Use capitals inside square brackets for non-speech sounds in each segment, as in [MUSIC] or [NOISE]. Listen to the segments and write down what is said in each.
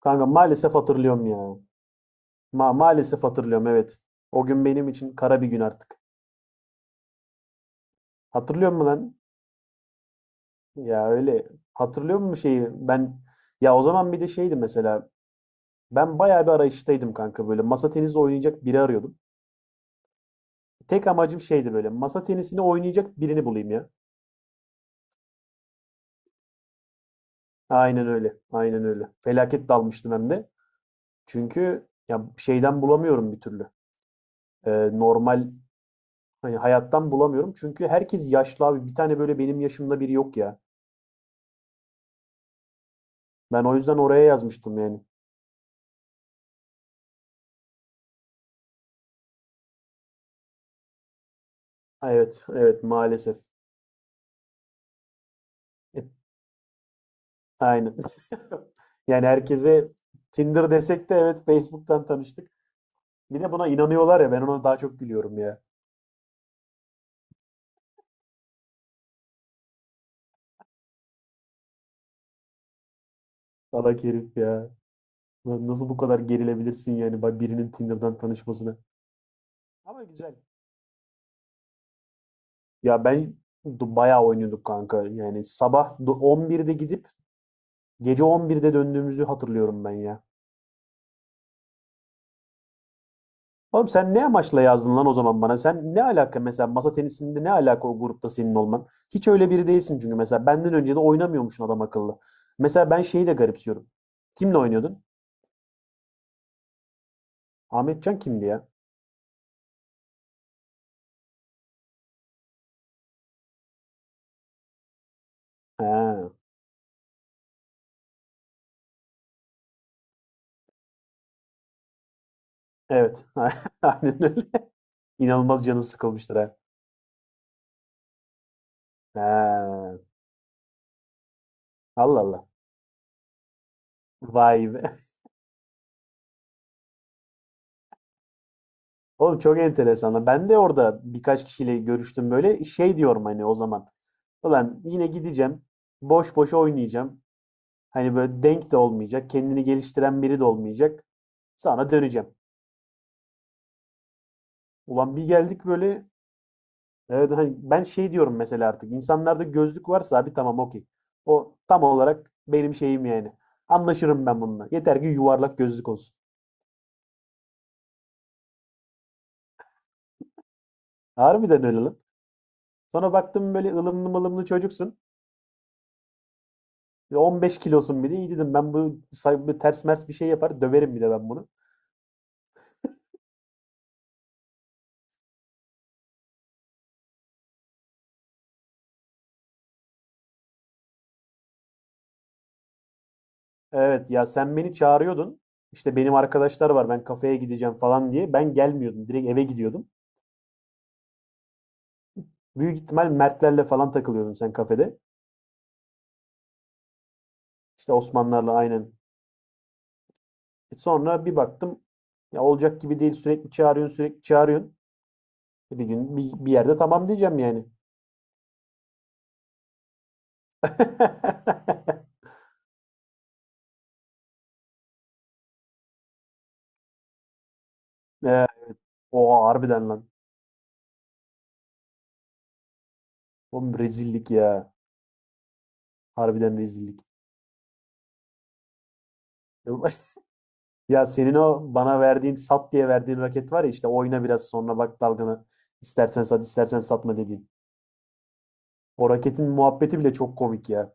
Kanka maalesef hatırlıyorum ya. Maalesef hatırlıyorum, evet. O gün benim için kara bir gün artık. Hatırlıyor musun lan? Ya öyle. Hatırlıyor musun şeyi? Ya o zaman bir de şeydi mesela. Ben bayağı bir arayıştaydım kanka, böyle. Masa tenisi oynayacak biri arıyordum. Tek amacım şeydi, böyle. Masa tenisini oynayacak birini bulayım ya. Aynen öyle. Aynen öyle. Felaket dalmıştım hem de. Çünkü ya şeyden bulamıyorum bir türlü. Normal, hani hayattan bulamıyorum. Çünkü herkes yaşlı abi. Bir tane böyle benim yaşımda biri yok ya. Ben o yüzden oraya yazmıştım yani. Evet, evet maalesef. [LAUGHS] Aynen. [LAUGHS] Yani herkese Tinder desek de evet, Facebook'tan tanıştık. Bir de buna inanıyorlar ya, ben ona daha çok gülüyorum ya. Salak herif ya. Lan, nasıl bu kadar gerilebilirsin yani, bak, birinin Tinder'dan tanışmasına. Ama güzel. Ya ben Bayağı oynuyorduk kanka. Yani sabah 11'de gidip gece 11'de döndüğümüzü hatırlıyorum ben ya. Oğlum sen ne amaçla yazdın lan o zaman bana? Sen ne alaka mesela, masa tenisinde ne alaka o grupta senin olman? Hiç öyle biri değilsin çünkü, mesela benden önce de oynamıyormuşsun adam akıllı. Mesela ben şeyi de garipsiyorum. Kimle oynuyordun? Ahmetcan kimdi ya? He, evet. [LAUGHS] Aynen öyle. İnanılmaz canı sıkılmıştır ha. He. Allah Allah. Vay be. [LAUGHS] Oğlum çok enteresan lan. Ben de orada birkaç kişiyle görüştüm böyle. Şey diyorum hani o zaman. Ulan yine gideceğim. Boş boş oynayacağım. Hani böyle denk de olmayacak. Kendini geliştiren biri de olmayacak. Sana döneceğim. Ulan bir geldik böyle, evet, hani ben şey diyorum mesela, artık insanlarda gözlük varsa abi tamam, okey. O tam olarak benim şeyim yani. Anlaşırım ben bununla. Yeter ki yuvarlak gözlük olsun. Harbiden öyle lan. Sonra baktım böyle ılımlı mılımlı çocuksun. Ve 15 kilosun bir de, iyi dedim ben bu, bu ters mers bir şey yapar döverim bir de ben bunu. Evet ya, sen beni çağırıyordun. İşte benim arkadaşlar var, ben kafeye gideceğim falan diye. Ben gelmiyordum. Direkt eve gidiyordum. Büyük ihtimal Mertlerle falan takılıyordun sen kafede. İşte Osmanlarla, aynen. E sonra bir baktım, ya olacak gibi değil, sürekli çağırıyorsun sürekli çağırıyorsun. E bir gün bir yerde tamam diyeceğim yani. [LAUGHS] E, oha harbiden lan. Oğlum rezillik ya. Harbiden rezillik. [LAUGHS] Ya senin o bana verdiğin, sat diye verdiğin raket var ya, işte oyna biraz sonra bak dalgana. İstersen sat istersen satma dediğin. O raketin muhabbeti bile çok komik ya.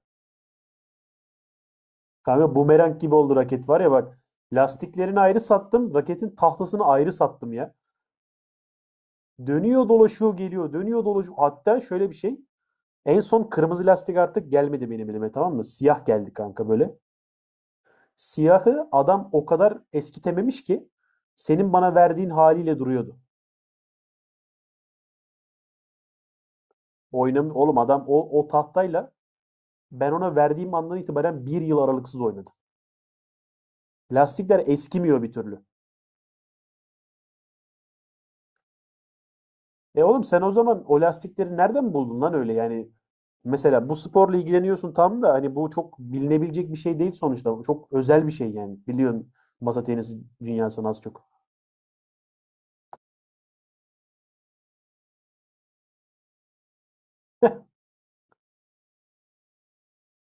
Kanka bumerang gibi oldu raket, var ya bak. Lastiklerini ayrı sattım. Raketin tahtasını ayrı sattım ya. Dönüyor dolaşıyor geliyor. Dönüyor dolaşıyor. Hatta şöyle bir şey. En son kırmızı lastik artık gelmedi benim elime, tamam mı? Siyah geldi kanka böyle. Siyahı adam o kadar eskitememiş ki, senin bana verdiğin haliyle duruyordu. Oğlum adam o tahtayla ben ona verdiğim andan itibaren bir yıl aralıksız oynadı. Lastikler eskimiyor bir türlü. E oğlum, sen o zaman o lastikleri nereden buldun lan öyle yani? Mesela bu sporla ilgileniyorsun tam da, hani bu çok bilinebilecek bir şey değil sonuçta. Bu çok özel bir şey yani. Biliyorsun masa tenisi dünyasını az çok.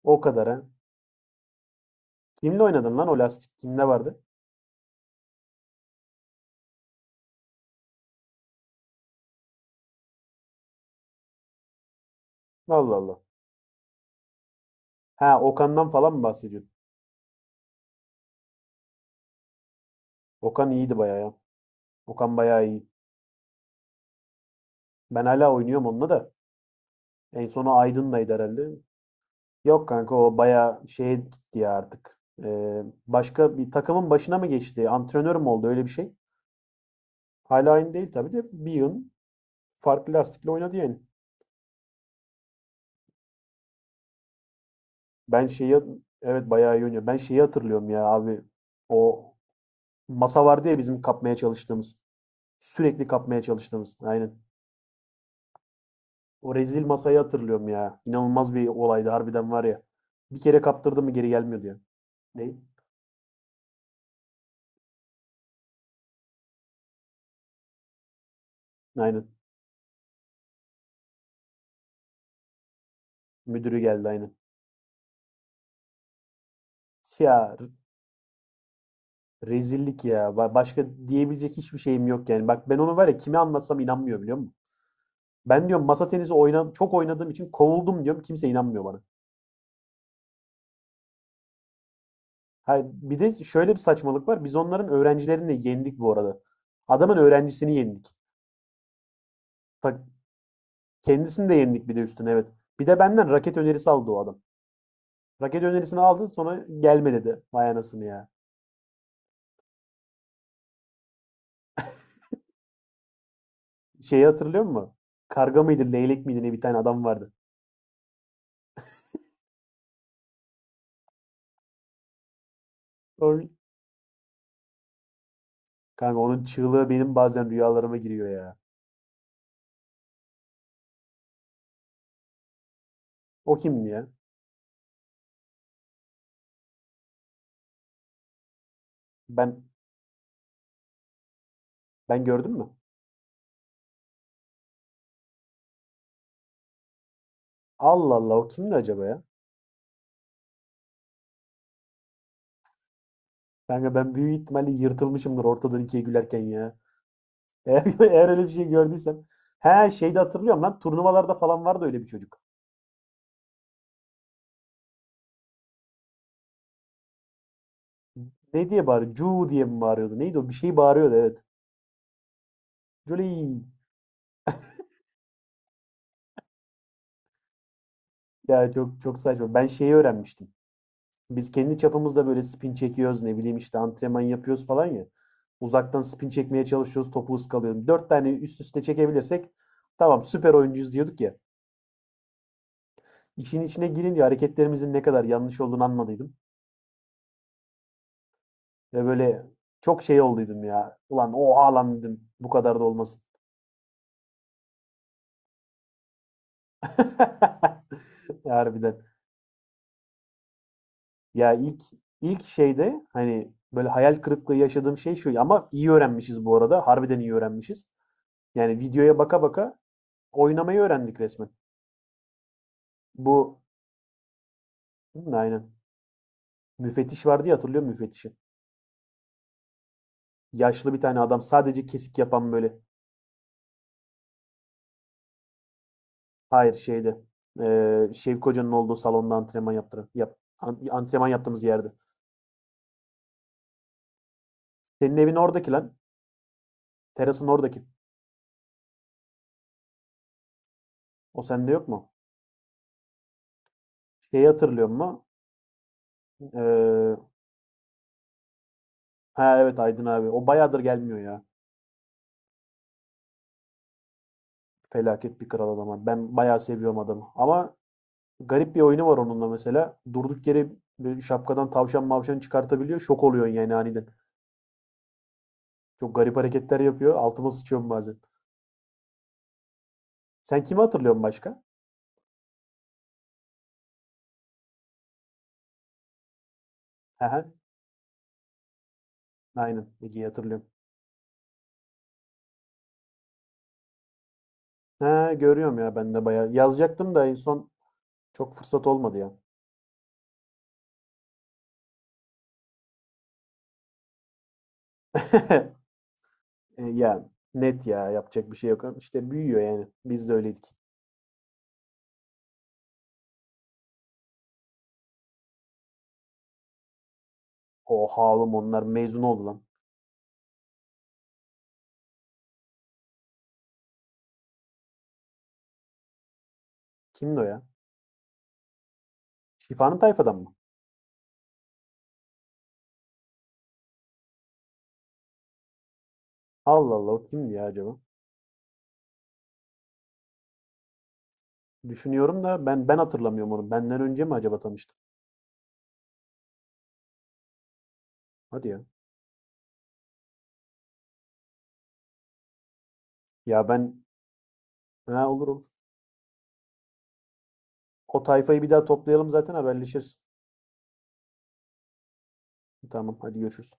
O kadar ha. Kimle oynadın lan o lastik? Kimde vardı? Allah Allah. Ha, Okan'dan falan mı bahsediyorsun? Okan iyiydi bayağı ya. Okan bayağı iyi. Ben hala oynuyorum onunla da. En sonu Aydın'laydı herhalde. Yok kanka, o bayağı şeye gitti ya artık. Başka bir takımın başına mı geçti? Antrenör mü oldu öyle bir şey? Hala aynı değil tabii de, bir yıl farklı lastikle oynadı yani. Ben şeyi Evet bayağı iyi oynuyor. Ben şeyi hatırlıyorum ya abi. O masa vardı ya bizim kapmaya çalıştığımız. Sürekli kapmaya çalıştığımız. Aynen. O rezil masayı hatırlıyorum ya. İnanılmaz bir olaydı harbiden var ya. Bir kere kaptırdı mı geri gelmiyordu ya. Ne? Aynen. Müdürü geldi aynen. Ya rezillik ya. Başka diyebilecek hiçbir şeyim yok yani. Bak ben onu var ya, kime anlatsam inanmıyor biliyor musun? Ben diyorum masa tenisi oyna, çok oynadığım için kovuldum diyorum. Kimse inanmıyor bana. Ha, bir de şöyle bir saçmalık var. Biz onların öğrencilerini de yendik bu arada. Adamın öğrencisini yendik. Ta- Kendisini de yendik bir de üstüne, evet. Bir de benden raket önerisi aldı o adam. Raket önerisini aldı, sonra gelme dedi. Vay anasını ya. Şeyi hatırlıyor musun? Karga mıydı, leylek miydi ne, bir tane adam vardı. Oy. Kanka onun çığlığı benim bazen rüyalarıma giriyor ya. O kimdi ya? Ben ben gördüm mü? Allah Allah, o kimdi acaba ya? Kanka ben büyük ihtimalle yırtılmışımdır ortadan ikiye gülerken ya. Eğer, [LAUGHS] eğer öyle bir şey gördüysem. He şeyde hatırlıyorum lan, turnuvalarda falan vardı öyle bir çocuk. Ne diye bağırıyor? Cu diye mi bağırıyordu? Neydi o? Bir şey bağırıyordu evet. Jolly. Ya çok çok saçma. Ben şeyi öğrenmiştim. Biz kendi çapımızda böyle spin çekiyoruz, ne bileyim işte antrenman yapıyoruz falan ya. Uzaktan spin çekmeye çalışıyoruz, topu ıskalıyorum. Dört tane üst üste çekebilirsek tamam, süper oyuncuyuz diyorduk ya. İşin içine girince hareketlerimizin ne kadar yanlış olduğunu anladıydım. Ve böyle çok şey olduydum ya. Ulan oha lan dedim. Bu kadar da olmasın. [LAUGHS] Harbiden. Ya ilk ilk şeyde hani böyle hayal kırıklığı yaşadığım şey şu. Ama iyi öğrenmişiz bu arada. Harbiden iyi öğrenmişiz. Yani videoya baka baka oynamayı öğrendik resmen. Bu hı, aynen. Müfettiş vardı ya, hatırlıyor musun müfettişi? Yaşlı bir tane adam, sadece kesik yapan böyle. Hayır şeyde. Şevk Hoca'nın olduğu salonda antrenman yaptıran. Antrenman yaptığımız yerde. Senin evin oradaki lan. Teras'ın oradaki. O sende yok mu? Şeyi hatırlıyor mu? Ee, ha evet, Aydın abi. O bayağıdır gelmiyor ya. Felaket bir kral adam abi. Ben bayağı seviyorum adamı. Ama garip bir oyunu var onunla mesela. Durduk yere böyle şapkadan tavşan mavşan çıkartabiliyor. Şok oluyorsun yani aniden. Çok garip hareketler yapıyor. Altıma sıçıyorum bazen. Sen kimi hatırlıyorsun başka? Aha, aynen. Ege'yi hatırlıyorum. Ha, görüyorum ya ben de bayağı. Yazacaktım da en son çok fırsat olmadı ya. [LAUGHS] E, ya net ya, yapacak bir şey yok. İşte büyüyor yani. Biz de öyleydik. Oha oğlum, onlar mezun oldu lan. Kimdi o ya? Şifanın tayfadan mı? Allah Allah, o kimdi ya acaba? Düşünüyorum da ben hatırlamıyorum onu. Benden önce mi acaba tanıştık? Hadi ya. Ya ben Ha, olur olur. O tayfayı bir daha toplayalım, zaten haberleşiriz. Tamam hadi, görüşürüz.